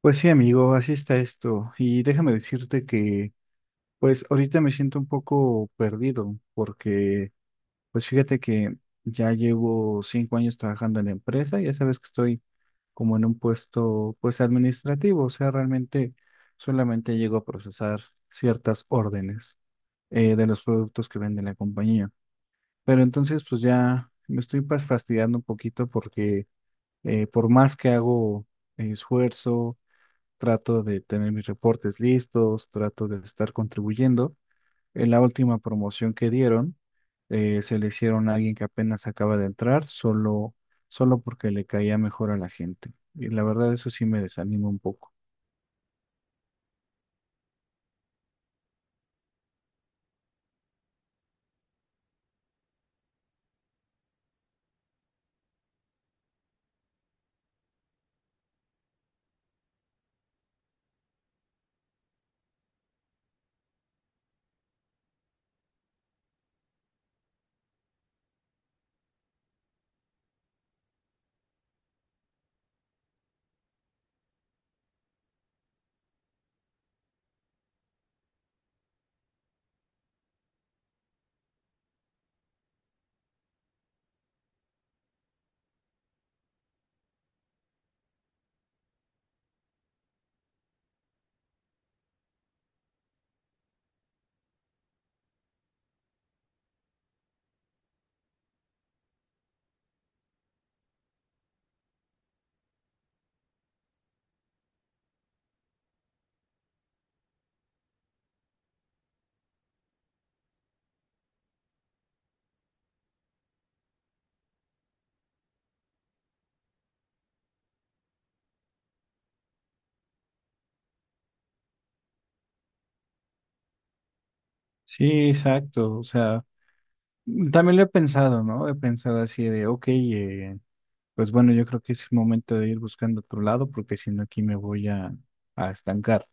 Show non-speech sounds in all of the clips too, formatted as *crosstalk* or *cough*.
Pues sí, amigo, así está esto. Y déjame decirte que, pues ahorita me siento un poco perdido porque, pues fíjate que ya llevo 5 años trabajando en la empresa. Ya sabes que estoy como en un puesto, pues administrativo, o sea, realmente solamente llego a procesar ciertas órdenes de los productos que vende la compañía. Pero entonces, pues ya me estoy, pues, fastidiando un poquito porque por más que hago esfuerzo, trato de tener mis reportes listos, trato de estar contribuyendo. En la última promoción que dieron, se le hicieron a alguien que apenas acaba de entrar, solo porque le caía mejor a la gente. Y la verdad, eso sí me desanima un poco. Sí, exacto. O sea, también lo he pensado, ¿no? He pensado así de, ok, pues bueno, yo creo que es el momento de ir buscando otro lado, porque si no, aquí me voy a estancar.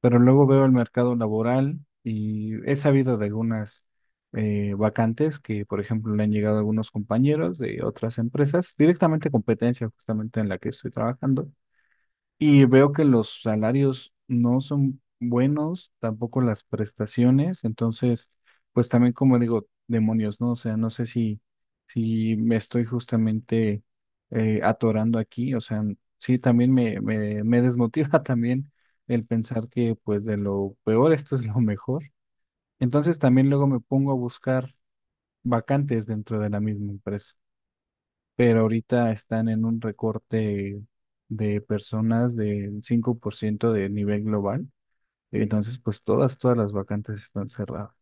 Pero luego veo el mercado laboral y he sabido de algunas vacantes que, por ejemplo, le han llegado a algunos compañeros de otras empresas, directamente competencia justamente en la que estoy trabajando, y veo que los salarios no son buenos, tampoco las prestaciones. Entonces, pues también como digo, demonios, ¿no? O sea, no sé si, si me estoy justamente atorando aquí. O sea, sí, también me desmotiva *laughs* también el pensar que, pues, de lo peor esto es lo mejor. Entonces también luego me pongo a buscar vacantes dentro de la misma empresa, pero ahorita están en un recorte de personas del 5% del nivel global. Entonces, pues todas las vacantes están cerradas.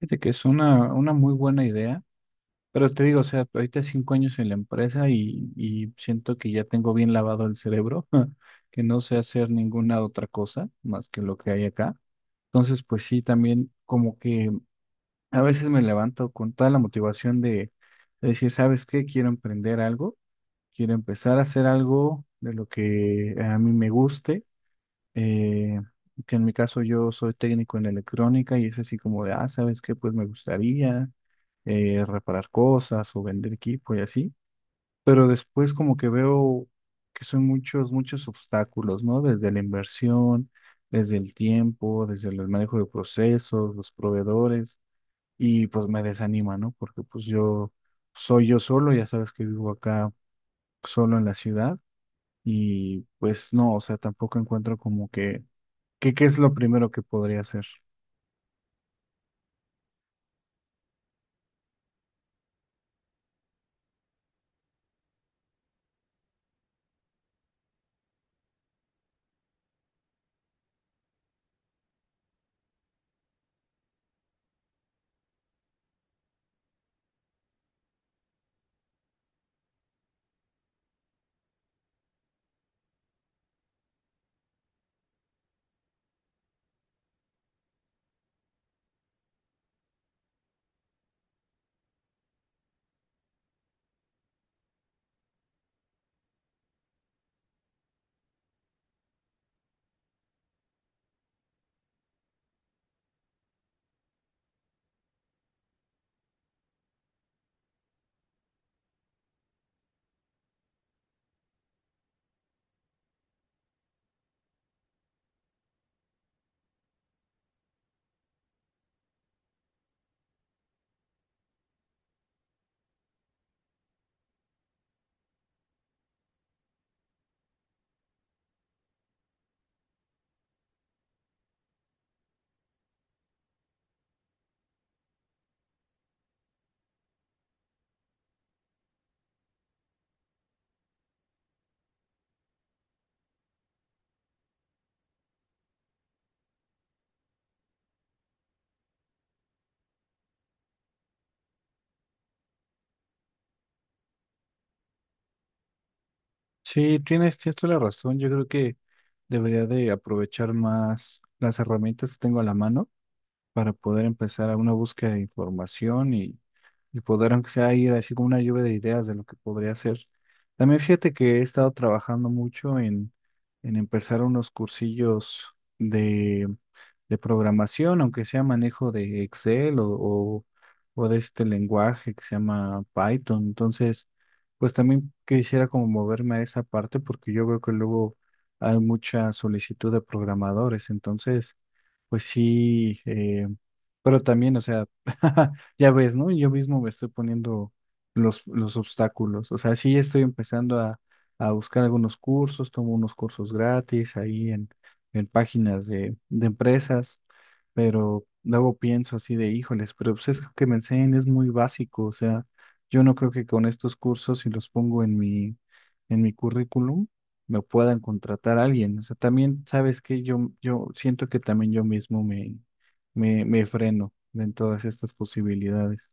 Fíjate que es una muy buena idea, pero te digo, o sea, ahorita 5 años en la empresa y siento que ya tengo bien lavado el cerebro, *laughs* que no sé hacer ninguna otra cosa más que lo que hay acá. Entonces, pues sí, también como que a veces me levanto con toda la motivación de decir, ¿sabes qué? Quiero emprender algo. Quiero empezar a hacer algo de lo que a mí me guste, eh, que en mi caso yo soy técnico en electrónica y es así como de, ah, ¿sabes qué? Pues me gustaría reparar cosas o vender equipo y así. Pero después como que veo que son muchos obstáculos, ¿no? Desde la inversión, desde el tiempo, desde el manejo de procesos, los proveedores, y pues me desanima, ¿no? Porque pues yo soy yo solo, ya sabes que vivo acá solo en la ciudad y pues no. O sea, tampoco encuentro como que qué es lo primero que podría hacer. Sí, tienes toda la razón. Yo creo que debería de aprovechar más las herramientas que tengo a la mano para poder empezar a una búsqueda de información y poder, aunque sea ir así como una lluvia de ideas de lo que podría hacer. También fíjate que he estado trabajando mucho en empezar unos cursillos de, de programación, aunque sea manejo de Excel o de este lenguaje que se llama Python. Entonces, pues también quisiera como moverme a esa parte porque yo veo que luego hay mucha solicitud de programadores. Entonces, pues sí. Pero también, o sea, *laughs* ya ves, ¿no? Yo mismo me estoy poniendo los obstáculos. O sea, sí estoy empezando a buscar algunos cursos, tomo unos cursos gratis ahí en páginas de empresas, pero luego pienso así de, híjoles, pero pues es que lo que me enseñan es muy básico. O sea, yo no creo que con estos cursos, si los pongo en mi currículum, me puedan contratar a alguien. O sea, también, ¿sabes que Yo siento que también yo mismo me freno en todas estas posibilidades.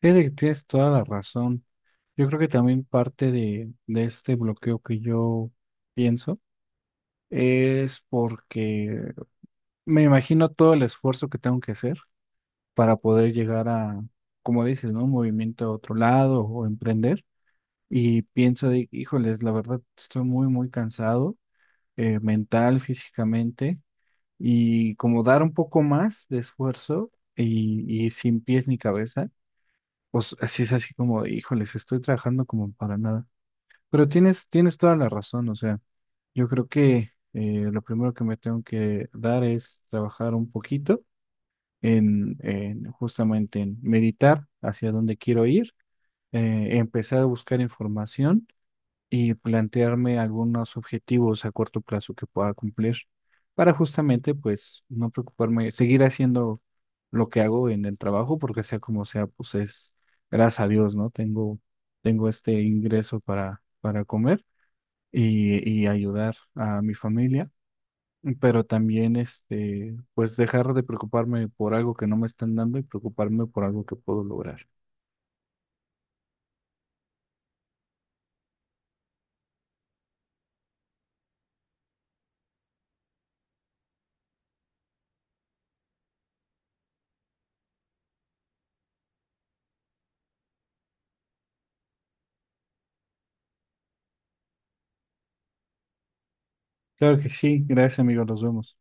Fíjate que tienes toda la razón. Yo creo que también parte de este bloqueo que yo pienso es porque me imagino todo el esfuerzo que tengo que hacer para poder llegar a, como dices, ¿no? Un movimiento a otro lado o emprender. Y pienso de, híjoles, la verdad estoy muy cansado, mental, físicamente. Y como dar un poco más de esfuerzo y sin pies ni cabeza, pues así es así como, híjoles, estoy trabajando como para nada. Pero tienes toda la razón. O sea, yo creo que lo primero que me tengo que dar es trabajar un poquito en justamente en meditar hacia dónde quiero ir, empezar a buscar información y plantearme algunos objetivos a corto plazo que pueda cumplir para justamente pues no preocuparme, seguir haciendo lo que hago en el trabajo porque sea como sea, pues es, gracias a Dios, ¿no? Tengo este ingreso para comer y ayudar a mi familia, pero también, este, pues dejar de preocuparme por algo que no me están dando y preocuparme por algo que puedo lograr. Claro que sí, gracias amigos, nos vemos.